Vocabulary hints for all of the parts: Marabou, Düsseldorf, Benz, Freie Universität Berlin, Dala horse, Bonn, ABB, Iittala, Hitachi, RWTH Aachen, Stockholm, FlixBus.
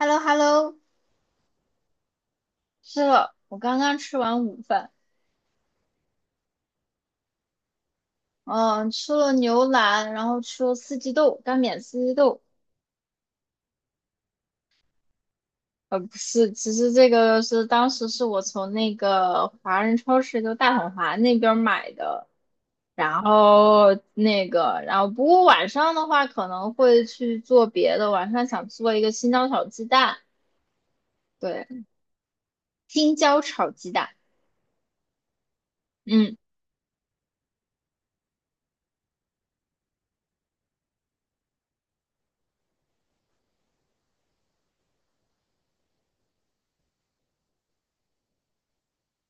h e l l o h e l l o 是了，我刚刚吃完午饭，嗯，吃了牛腩，然后吃了四季豆，干煸四季豆。不是，其实这个是当时是我从那个华人超市，就大统华那边儿买的，然后不过晚上的话可能会去做别的，晚上想做一个青椒炒鸡蛋，对，青椒炒鸡蛋，嗯。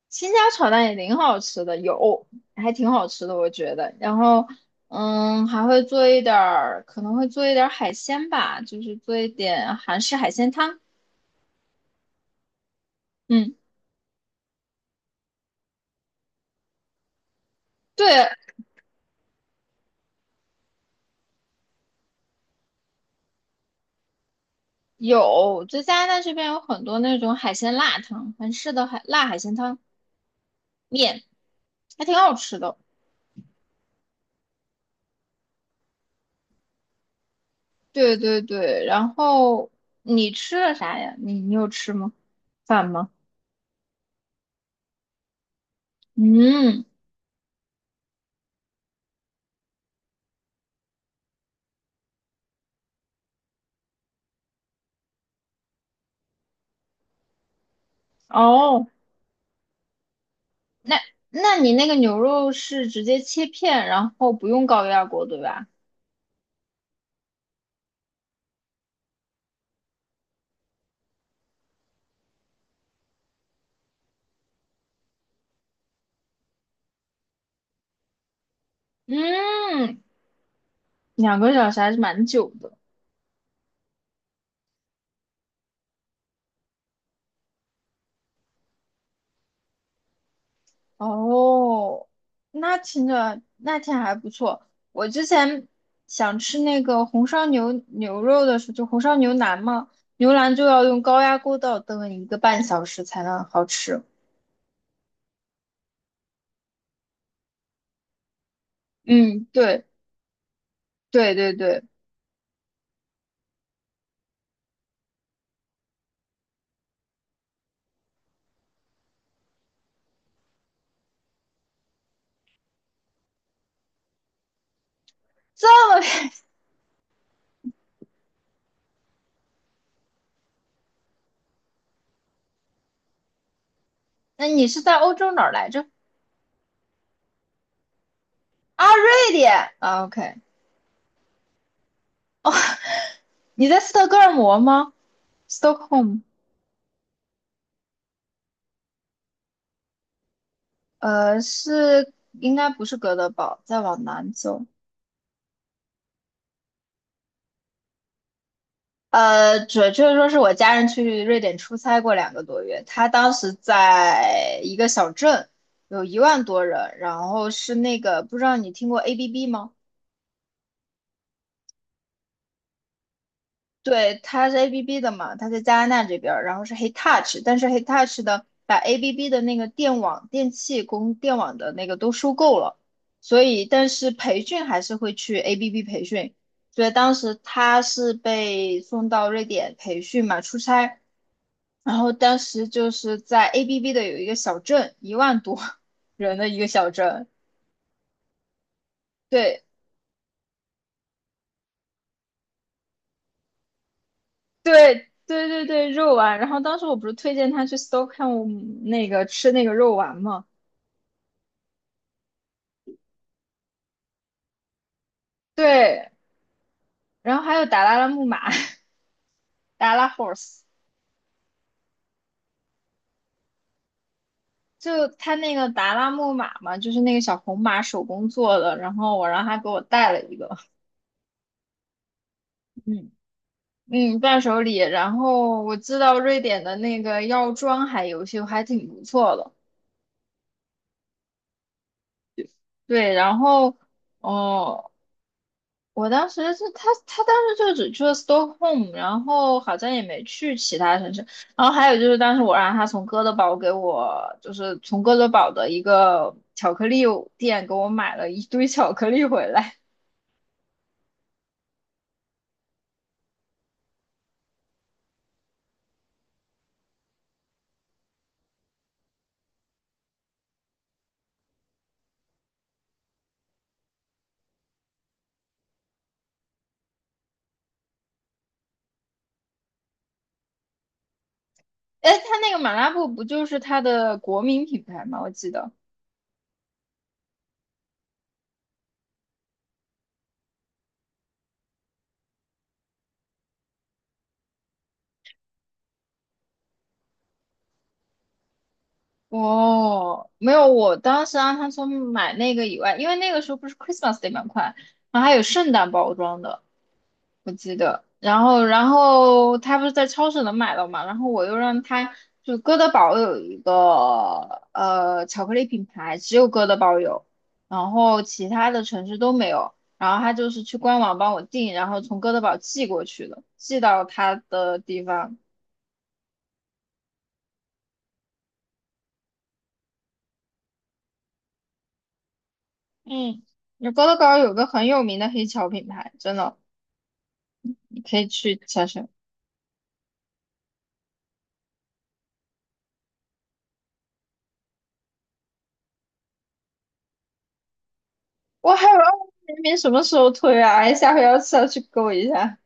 新家炒蛋也挺好吃的，有，还挺好吃的，我觉得。然后，还会做一点儿，可能会做一点儿海鲜吧，就是做一点韩式海鲜汤。嗯，对，有，在加拿大这边有很多那种海鲜辣汤，韩式的海辣海鲜汤面，还挺好吃的。对对对，然后你吃了啥呀？你有吃吗？饭吗？嗯，哦。那那你那个牛肉是直接切片，然后不用高压锅，对吧？嗯，2个小时还是蛮久的。哦，那听着那天还不错。我之前想吃那个红烧牛肉的时候，就红烧牛腩嘛，牛腩就要用高压锅倒炖1个半小时才能好吃。嗯，对对对对，这么，那你是在欧洲哪儿来着？啊，瑞典。啊，OK。哦，你在斯德哥尔摩吗？Stockholm，是应该不是哥德堡，再往南走，准确说是我家人去瑞典出差过2个多月，他当时在一个小镇，有一万多人，然后是那个不知道你听过 ABB 吗？对，它是 ABB 的嘛，它在加拿大这边儿，然后是 Hitachi，但是 Hitachi 的把 ABB 的那个电网、电器供电网的那个都收购了，所以但是培训还是会去 ABB 培训，所以当时他是被送到瑞典培训嘛，出差，然后当时就是在 ABB 的有一个小镇，1万多人的一个小镇，对，对对对对，肉丸。然后当时我不是推荐他去 Stockholm 那个吃那个肉丸嘛？对，然后还有达拉拉木马，达拉 horse，就他那个达拉木马嘛，就是那个小红马手工做的。然后我让他给我带了一个，嗯嗯，伴手礼。然后我知道瑞典的那个药妆还有些还挺不错的，对。然后哦，我当时是他，他当时就只去了 Stockholm，然后好像也没去其他城市。然后还有就是，当时我让他从哥德堡给我，就是从哥德堡的一个巧克力店给我买了一堆巧克力回来。哎，他那个马拉布不就是他的国民品牌吗？我记得。哦，没有，我当时让他从买那个以外，因为那个时候不是 Christmas Day 蛮快，然后还有圣诞包装的。我记得，然后他不是在超市能买到嘛，然后我又让他就哥德堡有一个巧克力品牌，只有哥德堡有，然后其他的城市都没有，然后他就是去官网帮我订，然后从哥德堡寄过去的，寄到他的地方。嗯，那哥德堡有个很有名的黑巧品牌，真的，你可以去查查。我还有2000什么时候推啊？哎，下回要是要去勾一下。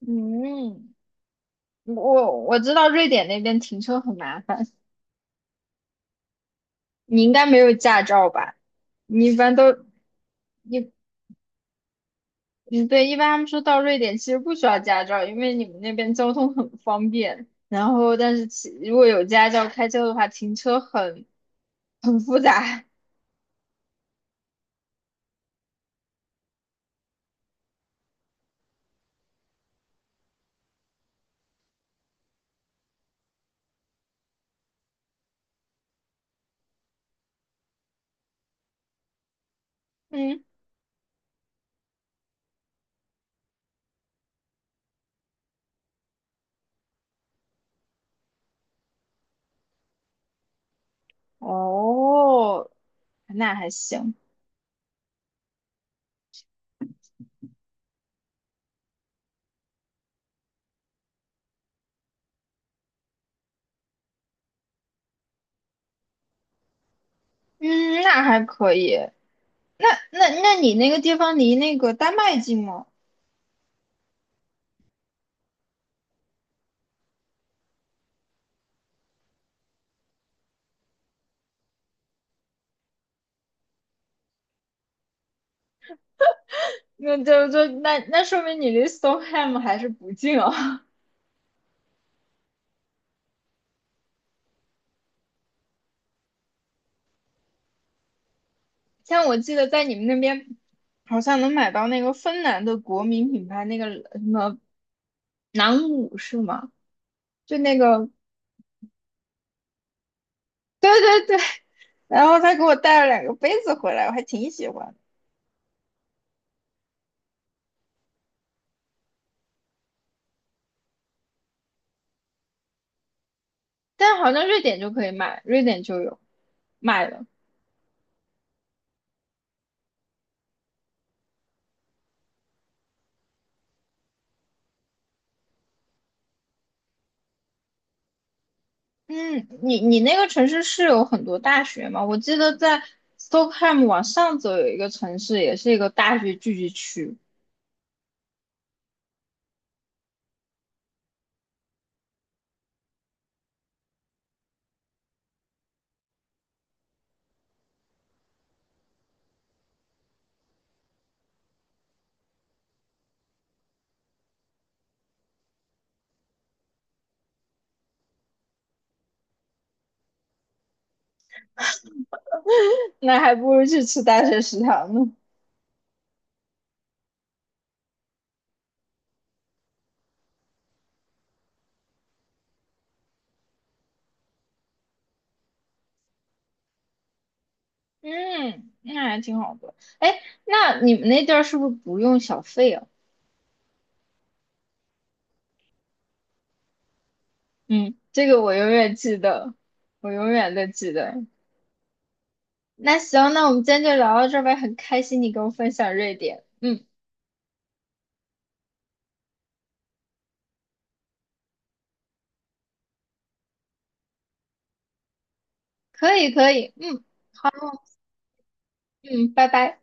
嗯。我知道瑞典那边停车很麻烦，你应该没有驾照吧？你一般都一嗯对，一般他们说到瑞典其实不需要驾照，因为你们那边交通很方便。然后，但是其如果有驾照开车的话，停车很复杂。嗯，哦，那还行，嗯，那还可以。那你那个地方离那个丹麦近吗？那就那说明你离 Stockholm 还是不近啊？像我记得在你们那边好像能买到那个芬兰的国民品牌那个什么南舞是吗？就那个，对对，然后他给我带了2个杯子回来，我还挺喜欢的。但好像瑞典就可以买，瑞典就有卖的。嗯，你那个城市是有很多大学吗？我记得在 Stockholm 往上走有一个城市，也是一个大学聚集区，那还不如去吃大学食堂呢。嗯，那还挺好的。哎，那你们那地儿是不是不用小费啊？嗯，这个我永远记得，我永远的记得。那行，那我们今天就聊到这儿呗，很开心你跟我分享瑞典。嗯，可以，可以，嗯，好，嗯，拜拜。